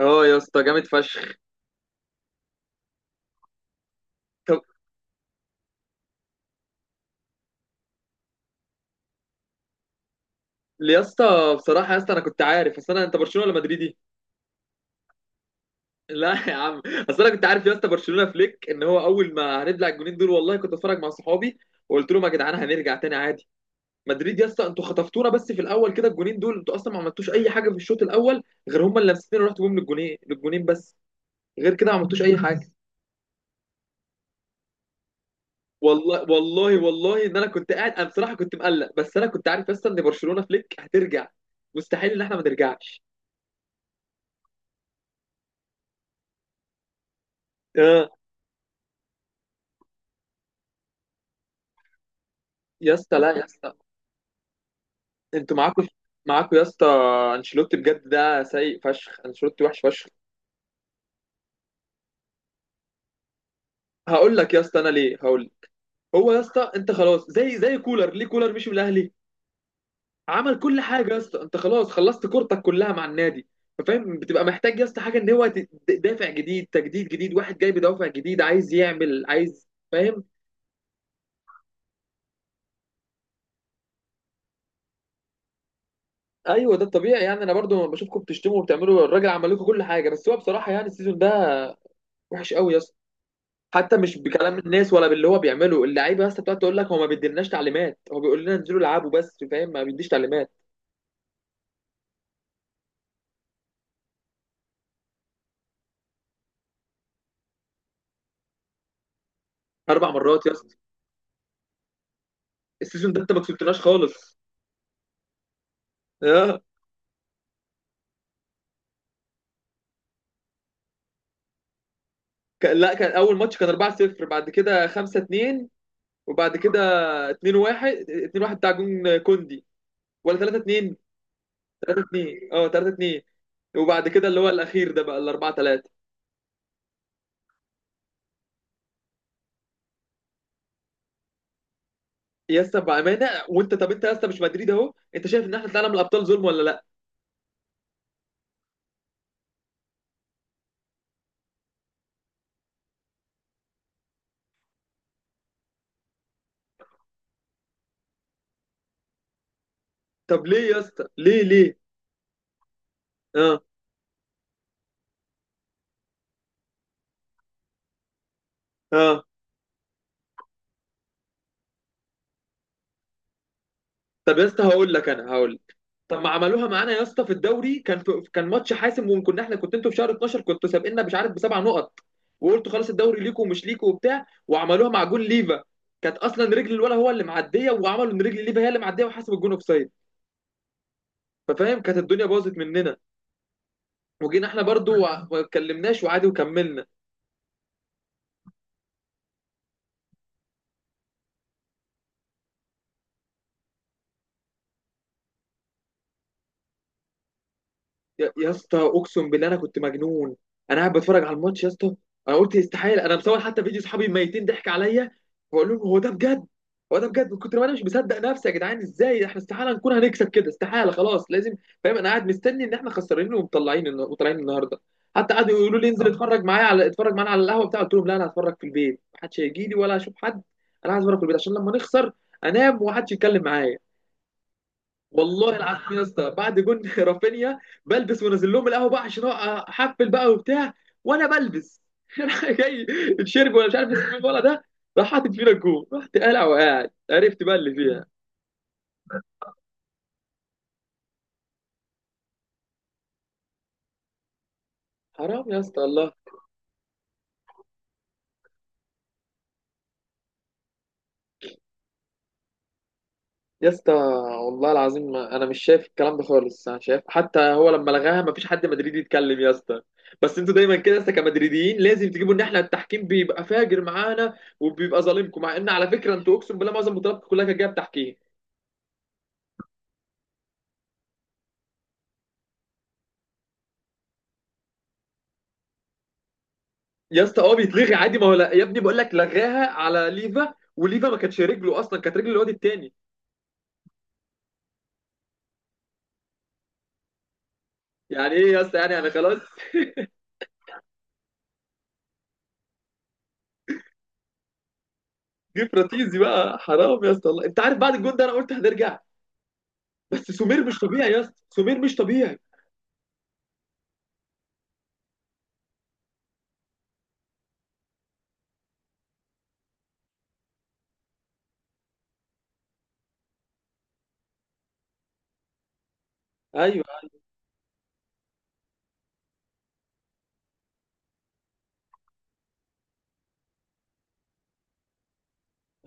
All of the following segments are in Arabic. اه يا اسطى، جامد فشخ. طب يا اسطى، بصراحه يا اسطى، انا كنت عارف. اصل انا، انت برشلونه ولا مدريدي؟ لا يا عم. اصل انا كنت عارف يا اسطى، برشلونه فليك ان هو اول ما هنبلع الجونين دول، والله كنت اتفرج مع صحابي وقلت لهم يا جدعان هنرجع تاني عادي. مدريد يا اسطى انتوا خطفتونا بس في الاول كده، الجونين دول انتوا اصلا ما عملتوش اي حاجه في الشوط الاول، غير هم اللي لمستين ورحتوا بيهم للجونين بس، غير كده ما عملتوش اي حاجه. والله والله والله ان انا كنت قاعد، انا بصراحه كنت مقلق، بس انا كنت عارف يا اسطى ان برشلونه فليك هترجع، مستحيل ان احنا ما نرجعش. آه. يا اسطى لا يا اسطى، انتوا معاكوا، معاكوا يا اسطى. انشيلوتي بجد ده سيء فشخ، انشيلوتي وحش فشخ. هقول لك يا اسطى انا ليه، هقول لك. هو يا اسطى انت خلاص، زي كولر، ليه كولر مشي من الاهلي؟ عمل كل حاجه يا اسطى، انت خلاص خلصت كورتك كلها مع النادي، فاهم؟ بتبقى محتاج يا اسطى حاجه، ان هو دافع جديد، تجديد جديد، واحد جاي بدافع جديد عايز يعمل، عايز، فاهم. ايوه ده الطبيعي يعني، انا برضو لما بشوفكم بتشتموا وبتعملوا، الراجل عمل لكم كل حاجه، بس هو بصراحه يعني السيزون ده وحش قوي يا اسطى. حتى مش بكلام الناس ولا باللي هو بيعمله اللعيبه، بس بتقعد تقول لك هو ما بيديلناش تعليمات، هو بيقول لنا انزلوا العبوا بس، فاهم، ما بيديش تعليمات. اربع مرات يا اسطى، السيزون ده انت ما كسبتناش خالص. اه كان، لا كان اول ماتش كان 4-0، بعد كده 5-2، وبعد كده 2-1. 2-1 بتاع جون كوندي، ولا 3-2؟ 3-2، اه 3-2. وبعد كده اللي هو الاخير ده بقى ال 4-3. يا اسطى بامانه، وانت، طب انت يا اسطى مش مدريد اهو، انت شايف ان احنا طلعنا من الابطال ظلم ولا لا؟ طب ليه يا اسطى، ليه ليه؟ اه. اه. طب يا اسطى هقول لك، انا هقول لك. طب ما عملوها معانا يا اسطى في الدوري، كان في، كان ماتش حاسم، وكنا احنا كنت، انتوا في شهر 12 كنتوا سابقنا مش عارف بسبع نقط، وقلتوا خلاص الدوري ليكوا ومش ليكوا وبتاع، وعملوها مع جون ليفا، كانت اصلا رجل الولا هو اللي معديه، وعملوا ان رجل ليفا هي اللي معديه، وحسب الجون اوفسايد. ففاهم كانت الدنيا باظت مننا، وجينا احنا برضو ما اتكلمناش وعادي وكملنا. يا اسطى اقسم بالله انا كنت مجنون. انا قاعد بتفرج على الماتش يا اسطى، انا قلت استحاله. انا مصور حتى فيديو، صحابي ميتين ضحك عليا، بقول لهم هو ده بجد؟ هو ده بجد، من كتر ما انا مش مصدق نفسي يا جدعان، ازاي احنا؟ استحاله نكون هنكسب كده، استحاله، خلاص لازم، فاهم. انا قاعد مستني ان احنا خسرانين ومطلعين وطالعين النهارده. حتى قعدوا يقولوا لي انزل اتفرج معايا على، اتفرج معانا على القهوه بتاع قلت لهم لا انا هتفرج في البيت، محدش هيجي لي ولا هشوف حد. انا عايز اتفرج في البيت عشان لما نخسر انام ومحدش يتكلم معايا. والله العظيم يا اسطى بعد جون رافينيا بلبس ونازل لهم القهوه بقى عشان احفل بقى وبتاع، وانا بلبس راح جاي الشرب، ولا مش عارف اسمه مين ولا ده، راح حاطط فينا الجون، رحت قالع وقاعد، عرفت بقى اللي فيها. حرام يا اسطى، الله. يا اسطى والله العظيم انا مش شايف الكلام ده خالص، انا شايف حتى هو لما لغاها ما فيش حد مدريدي يتكلم يا اسطى، بس انتوا دايما كده يا اسطى كمدريديين لازم تجيبوا ان احنا التحكيم بيبقى فاجر معانا وبيبقى ظالمكم، مع ان على فكره انتوا اقسم بالله معظم بطولاتكم كلها كانت جايه بتحكيم. يا اسطى اه بيتلغي عادي، ما هو لا يا ابني، بقول لك لغاها على ليفا، وليفا ما كانتش رجله اصلا، كانت رجل الواد التاني. يعني ايه يا اسطى؟ يعني انا خلاص جه فراتيزي بقى، حرام يا اسطى، والله انت عارف بعد الجون ده انا قلت هنرجع. بس سمير مش طبيعي يا اسطى، سمير مش طبيعي. ايوه.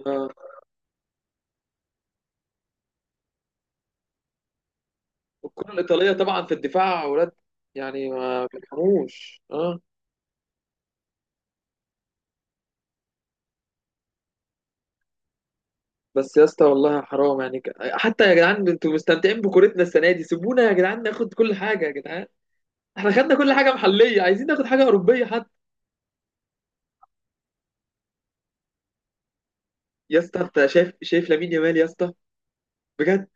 آه. الكره الايطاليه طبعا في الدفاع اولاد، يعني ما بيرحموش، اه. بس يا اسطى والله حرام يعني، حتى يا جدعان انتوا مستمتعين بكورتنا السنه دي، سيبونا يا جدعان ناخد كل حاجه يا جدعان. احنا خدنا كل حاجه محليه، عايزين ناخد حاجه اوروبيه حتى. يا اسطى انت شايف، شايف لامين يامال يا اسطى؟ بجد.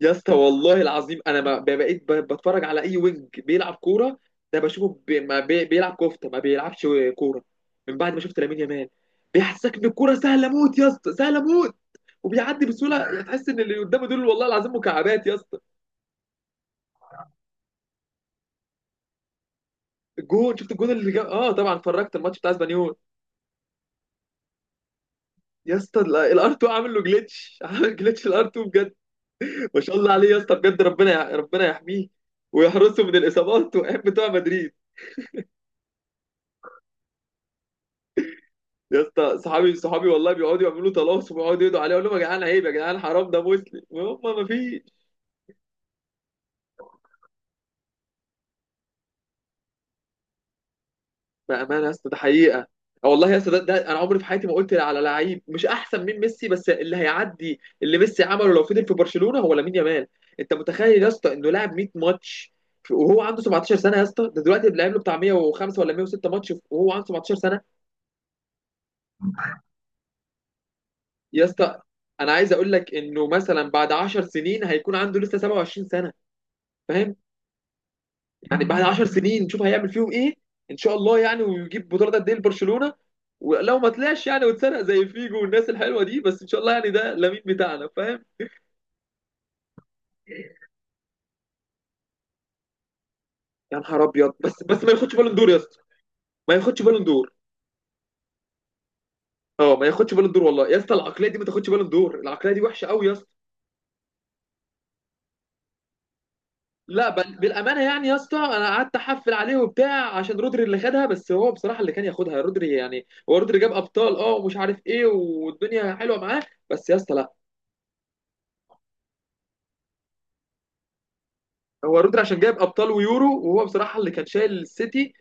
يا اسطى والله العظيم انا ما ب- بقيت بتفرج على اي وينج بيلعب كوره، ده بشوفه بي بيلعب كفته، ما بيلعبش كوره من بعد ما شفت لامين يامال. بيحسسك ان الكوره سهله موت يا اسطى، سهله موت. وبيعدي بسهوله، تحس ان اللي قدامه دول والله العظيم مكعبات يا اسطى. الجون، شفت الجون اللي جاب؟ اه طبعا اتفرجت الماتش بتاع اسبانيول. يا اسطى الار 2 عامل له جليتش، عامل جليتش الار 2 بجد. ما شاء الله عليه يا اسطى بجد، ربنا ربنا يحميه ويحرسه من الاصابات والايام بتوع مدريد. يا اسطى صحابي صحابي والله بيقعدوا يعملوا تلاصم ويقعدوا يدعوا عليه، اقول لهم يا جدعان عيب يا جدعان حرام ده مسلم، هم ما فيش. بامانه يا اسطى ده حقيقه. آه والله يا اسطى، ده انا عمري في حياتي ما قلت على لعيب مش احسن من ميسي، بس اللي هيعدي اللي ميسي عمله لو فضل في برشلونه هو لامين يامال. انت متخيل يا اسطى انه لعب 100 ماتش وهو عنده 17 سنه يا اسطى؟ ده دلوقتي لعب له بتاع 105 ولا 106 ماتش وهو عنده 17 سنه. يا اسطى انا عايز اقول لك انه مثلا بعد 10 سنين هيكون عنده لسه 27 سنه، فاهم؟ يعني بعد 10 سنين نشوف هيعمل فيهم ايه، ان شاء الله يعني، ويجيب بطوله قد ايه لبرشلونه. ولو ما طلعش يعني واتسرق زي فيجو والناس الحلوه دي، بس ان شاء الله يعني ده لامين بتاعنا، فاهم. يا نهار ابيض. بس بس ما ياخدش بالون دور يا اسطى، ما ياخدش بالون دور. اه ما ياخدش بالون دور، والله يا اسطى العقليه دي ما تاخدش بالون دور، العقليه دي وحشه قوي يا اسطى. لا بل بالامانه يعني يا اسطى، انا قعدت احفل عليه وبتاع عشان رودري اللي خدها، بس هو بصراحه اللي كان ياخدها رودري، يعني هو رودري جاب ابطال اه ومش عارف ايه والدنيا حلوه معاه، بس يا اسطى لا. هو رودري عشان جايب ابطال ويورو، وهو بصراحه اللي كان شايل السيتي.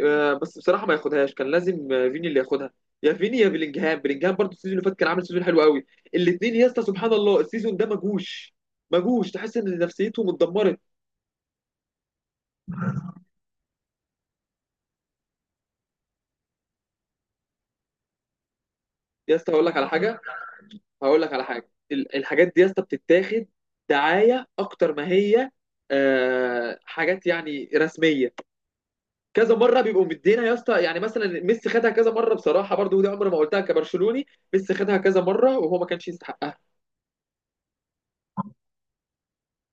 آه، بس بصراحه ما ياخدهاش، كان لازم آه، فيني اللي ياخدها. يا فيني يا بلينجهام، بلينجهام برضه السيزون اللي فات كان عامل سيزون حلو قوي. الاثنين يا اسطى سبحان الله السيزون ده مجوش، مجوش، تحس ان نفسيتهم اتدمرت. يا اسطى هقول لك على حاجه، هقول لك على حاجه، الحاجات دي يا اسطى بتتاخد دعايه اكتر ما هي آه، حاجات يعني رسميه. كذا مره بيبقوا مدينا يا اسطى، يعني مثلا ميسي خدها كذا مره بصراحه برضو، ودي عمري ما قلتها كبرشلوني، ميسي خدها كذا مره وهو ما كانش يستحقها.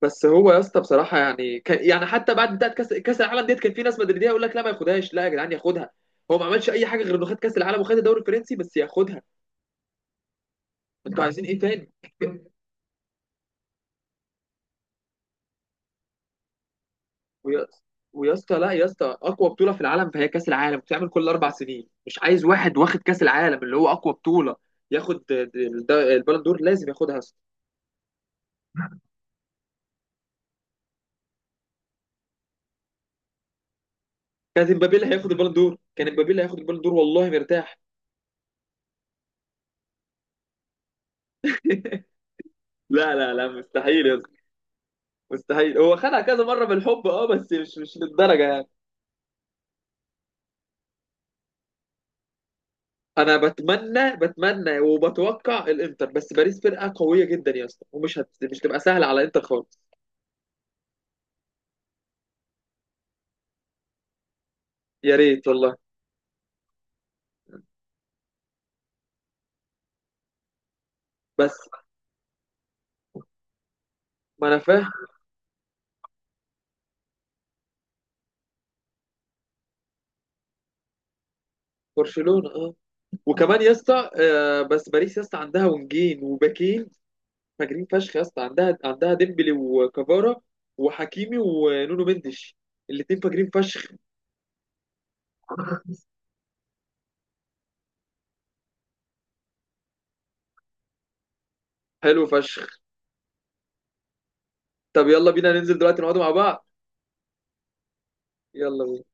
بس هو يا اسطى بصراحه يعني كان يعني، حتى بعد بتاعت كاس العالم ديت كان في ناس مدريديه يقول لك لا ما ياخدهاش، لا يا جدعان ياخدها. هو ما عملش اي حاجه غير انه خد كاس العالم وخد الدوري الفرنسي، بس ياخدها، انتوا عايزين ايه تاني؟ ويا ويا اسطى لا يا اسطى، اقوى بطوله في العالم فهي كاس العالم، بتعمل كل اربع سنين، مش عايز واحد واخد كاس العالم اللي هو اقوى بطوله ياخد البالون دور؟ لازم ياخدها. كانت امبابي اللي هياخد البالون دور، كان امبابي اللي هياخد البالون دور والله مرتاح. لا لا لا مستحيل يا اسطى، مستحيل. هو خدها كذا مره بالحب اه، بس مش، مش للدرجه يعني. انا بتمنى بتمنى وبتوقع الانتر، بس باريس فرقه قويه جدا يا اسطى، ومش مش تبقى سهله على انتر خالص. يا ريت والله. بس ما انا فاهم. برشلونه اه. وكمان يا اسطى آه، بس باريس يا اسطى عندها ونجين وباكين فاجرين فشخ يا اسطى، عندها، عندها ديمبلي وكافارا وحكيمي ونونو مندش، الاتنين فاجرين فشخ. حلو فشخ. طب يلا بينا ننزل دلوقتي نقعد مع بعض. يلا بينا.